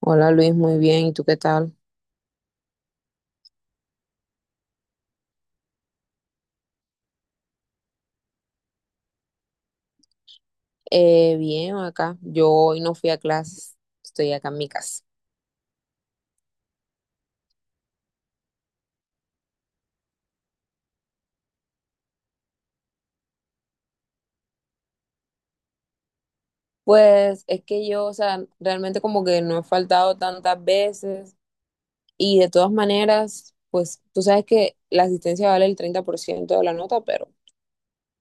Hola Luis, muy bien. ¿Y tú qué tal? Bien, acá. Yo hoy no fui a clases, estoy acá en mi casa. Pues es que yo, o sea, realmente como que no he faltado tantas veces y de todas maneras, pues tú sabes que la asistencia vale el 30% de la nota, pero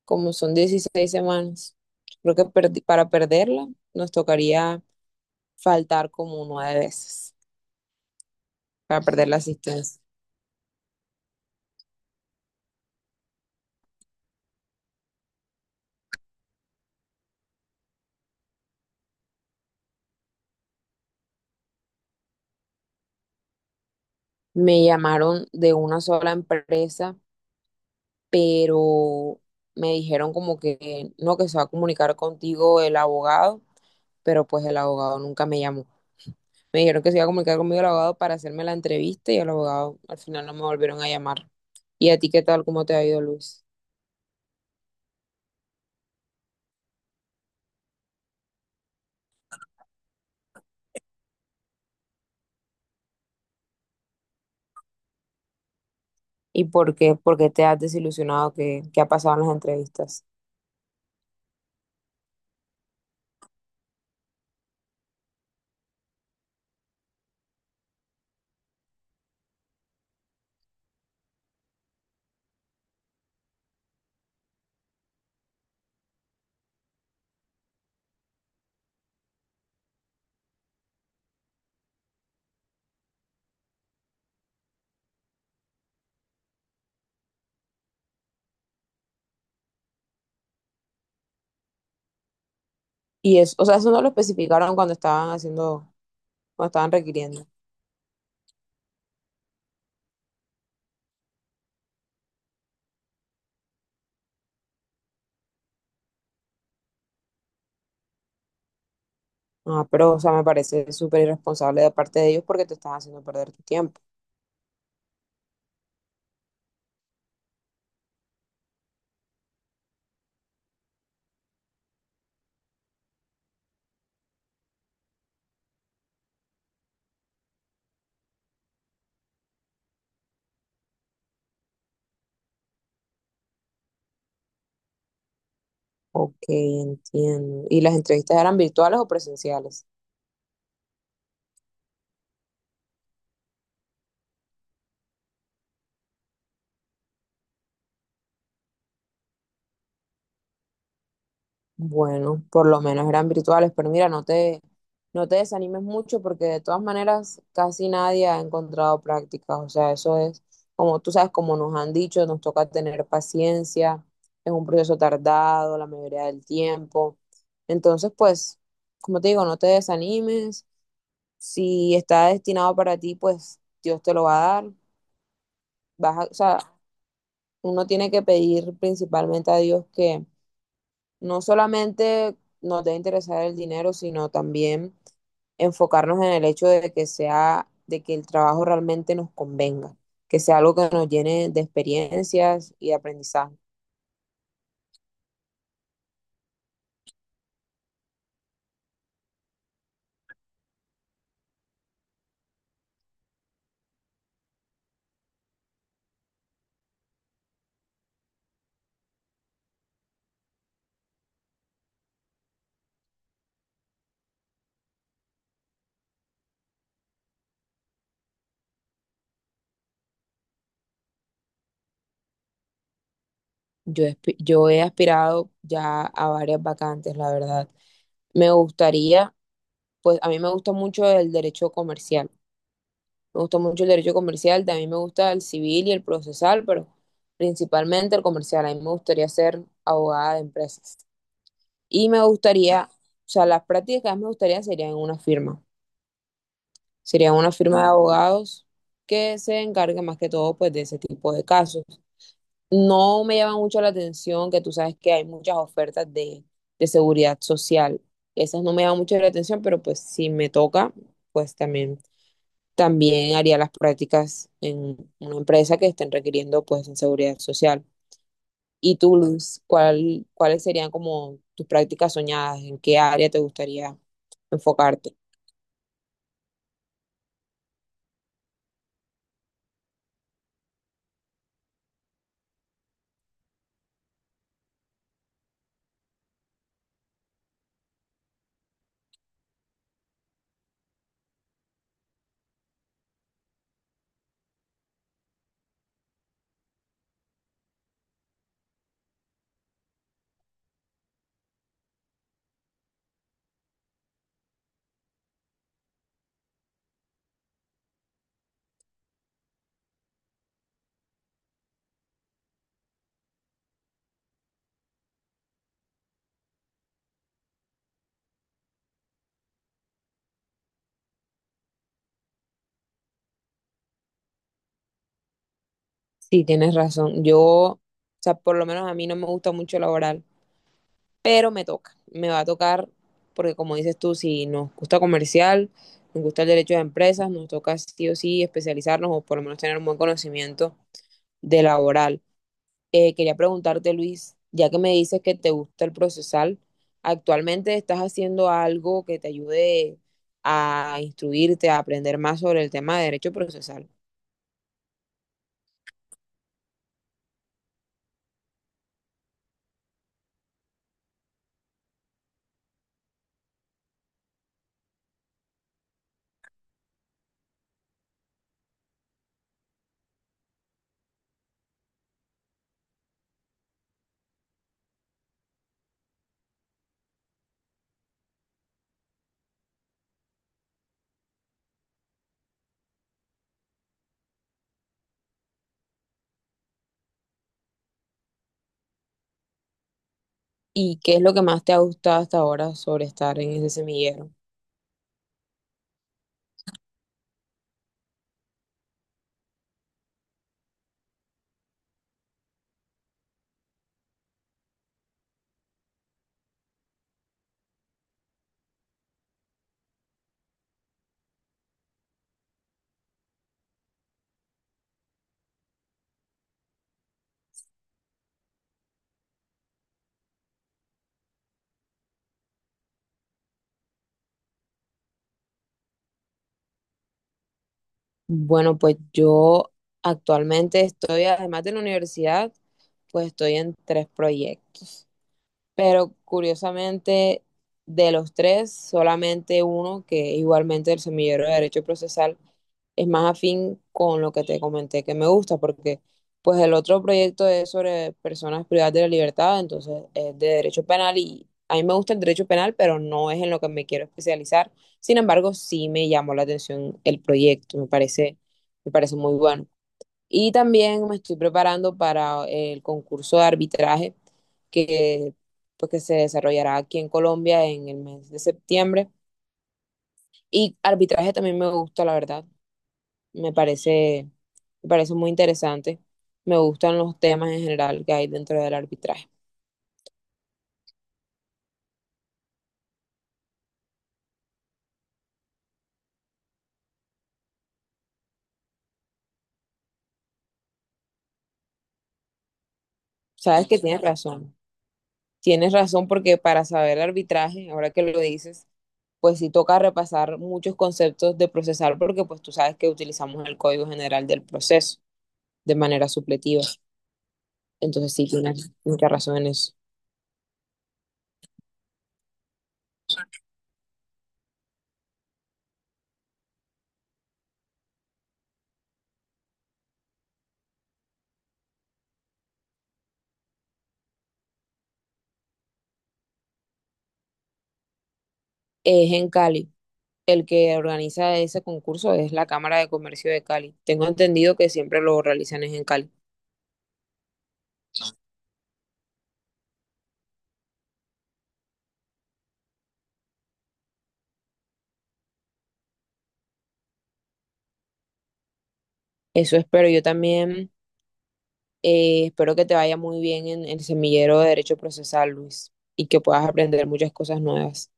como son 16 semanas, creo que para perderla nos tocaría faltar como nueve veces para perder la asistencia. Me llamaron de una sola empresa, pero me dijeron como que no, que se va a comunicar contigo el abogado, pero pues el abogado nunca me llamó. Me dijeron que se iba a comunicar conmigo el abogado para hacerme la entrevista y el abogado al final no me volvieron a llamar. ¿Y a ti qué tal? ¿Cómo te ha ido, Luis? ¿Y por qué? ¿Por qué te has desilusionado? ¿Qué ha pasado en las entrevistas? Y eso, o sea, eso no lo especificaron cuando estaban haciendo, cuando estaban requiriendo. Ah, pero, o sea, me parece súper irresponsable de parte de ellos porque te están haciendo perder tu tiempo. Ok, entiendo. ¿Y las entrevistas eran virtuales o presenciales? Bueno, por lo menos eran virtuales, pero mira, no te desanimes mucho porque de todas maneras casi nadie ha encontrado prácticas. O sea, eso es, como tú sabes, como nos han dicho, nos toca tener paciencia, es un proceso tardado la mayoría del tiempo. Entonces, pues, como te digo, no te desanimes. Si está destinado para ti, pues Dios te lo va a dar. Vas a, o sea, uno tiene que pedir principalmente a Dios que no solamente nos debe interesar el dinero, sino también enfocarnos en el hecho de que sea, de que el trabajo realmente nos convenga, que sea algo que nos llene de experiencias y de aprendizaje. Yo, yo he aspirado ya a varias vacantes, la verdad. Me gustaría, pues a mí me gusta mucho el derecho comercial. Me gusta mucho el derecho comercial, también me gusta el civil y el procesal, pero principalmente el comercial. A mí me gustaría ser abogada de empresas. Y me gustaría, o sea, las prácticas que más me gustaría serían en una firma. Serían una firma de abogados que se encargue más que todo pues de ese tipo de casos. No me llama mucho la atención, que tú sabes que hay muchas ofertas de seguridad social. Esas no me llaman mucho la atención, pero pues si me toca, pues también también haría las prácticas en una empresa que estén requiriendo pues en seguridad social. ¿Y tú, Luz, cuáles serían como tus prácticas soñadas? ¿En qué área te gustaría enfocarte? Sí, tienes razón. Yo, o sea, por lo menos a mí no me gusta mucho el laboral, pero me toca. Me va a tocar porque, como dices tú, si nos gusta comercial, nos gusta el derecho de empresas, nos toca sí o sí especializarnos o por lo menos tener un buen conocimiento de laboral. Quería preguntarte, Luis, ya que me dices que te gusta el procesal, ¿actualmente estás haciendo algo que te ayude a instruirte, a aprender más sobre el tema de derecho procesal? ¿Y qué es lo que más te ha gustado hasta ahora sobre estar en ese semillero? Bueno, pues yo actualmente estoy, además de la universidad, pues estoy en tres proyectos. Pero curiosamente, de los tres, solamente uno, que es igualmente el semillero de derecho procesal, es más afín con lo que te comenté que me gusta, porque pues el otro proyecto es sobre personas privadas de la libertad, entonces es de derecho penal y a mí me gusta el derecho penal, pero no es en lo que me quiero especializar. Sin embargo, sí me llamó la atención el proyecto, me parece muy bueno. Y también me estoy preparando para el concurso de arbitraje que, pues, que se desarrollará aquí en Colombia en el mes de septiembre. Y arbitraje también me gusta, la verdad. Me parece, me parece muy interesante. Me gustan los temas en general que hay dentro del arbitraje. Sabes que tienes razón. Tienes razón porque para saber arbitraje, ahora que lo dices, pues sí toca repasar muchos conceptos de procesal porque pues tú sabes que utilizamos el Código General del Proceso de manera supletiva. Entonces sí tienes mucha razón en eso. Es en Cali. El que organiza ese concurso es la Cámara de Comercio de Cali. Tengo entendido que siempre lo realizan es en Cali. Eso espero. Yo también espero que te vaya muy bien en el semillero de Derecho Procesal, Luis, y que puedas aprender muchas cosas nuevas.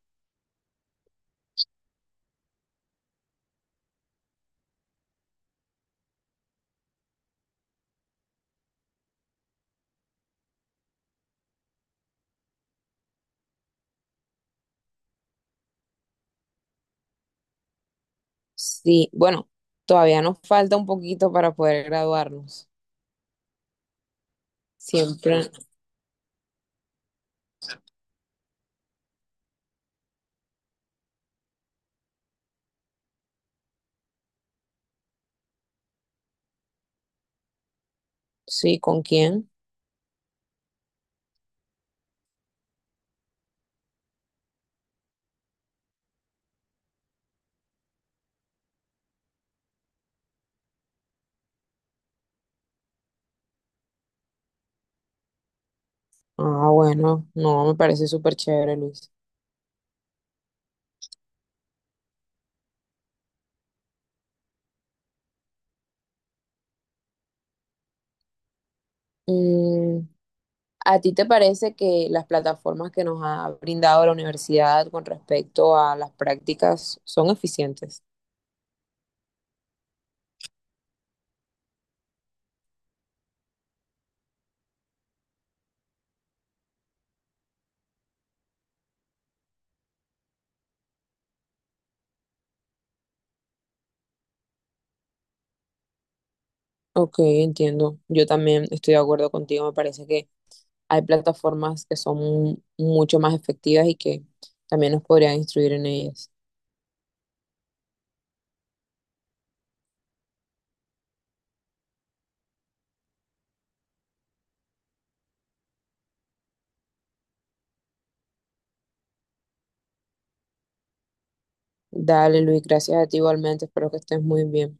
Sí, bueno, todavía nos falta un poquito para poder graduarnos. Siempre, sí, ¿con quién? Ah, bueno, no, me parece súper chévere, Luis. Mm, ¿A ti te parece que las plataformas que nos ha brindado la universidad con respecto a las prácticas son eficientes? Ok, entiendo. Yo también estoy de acuerdo contigo. Me parece que hay plataformas que son mucho más efectivas y que también nos podrían instruir en ellas. Dale, Luis, gracias a ti igualmente, espero que estés muy bien.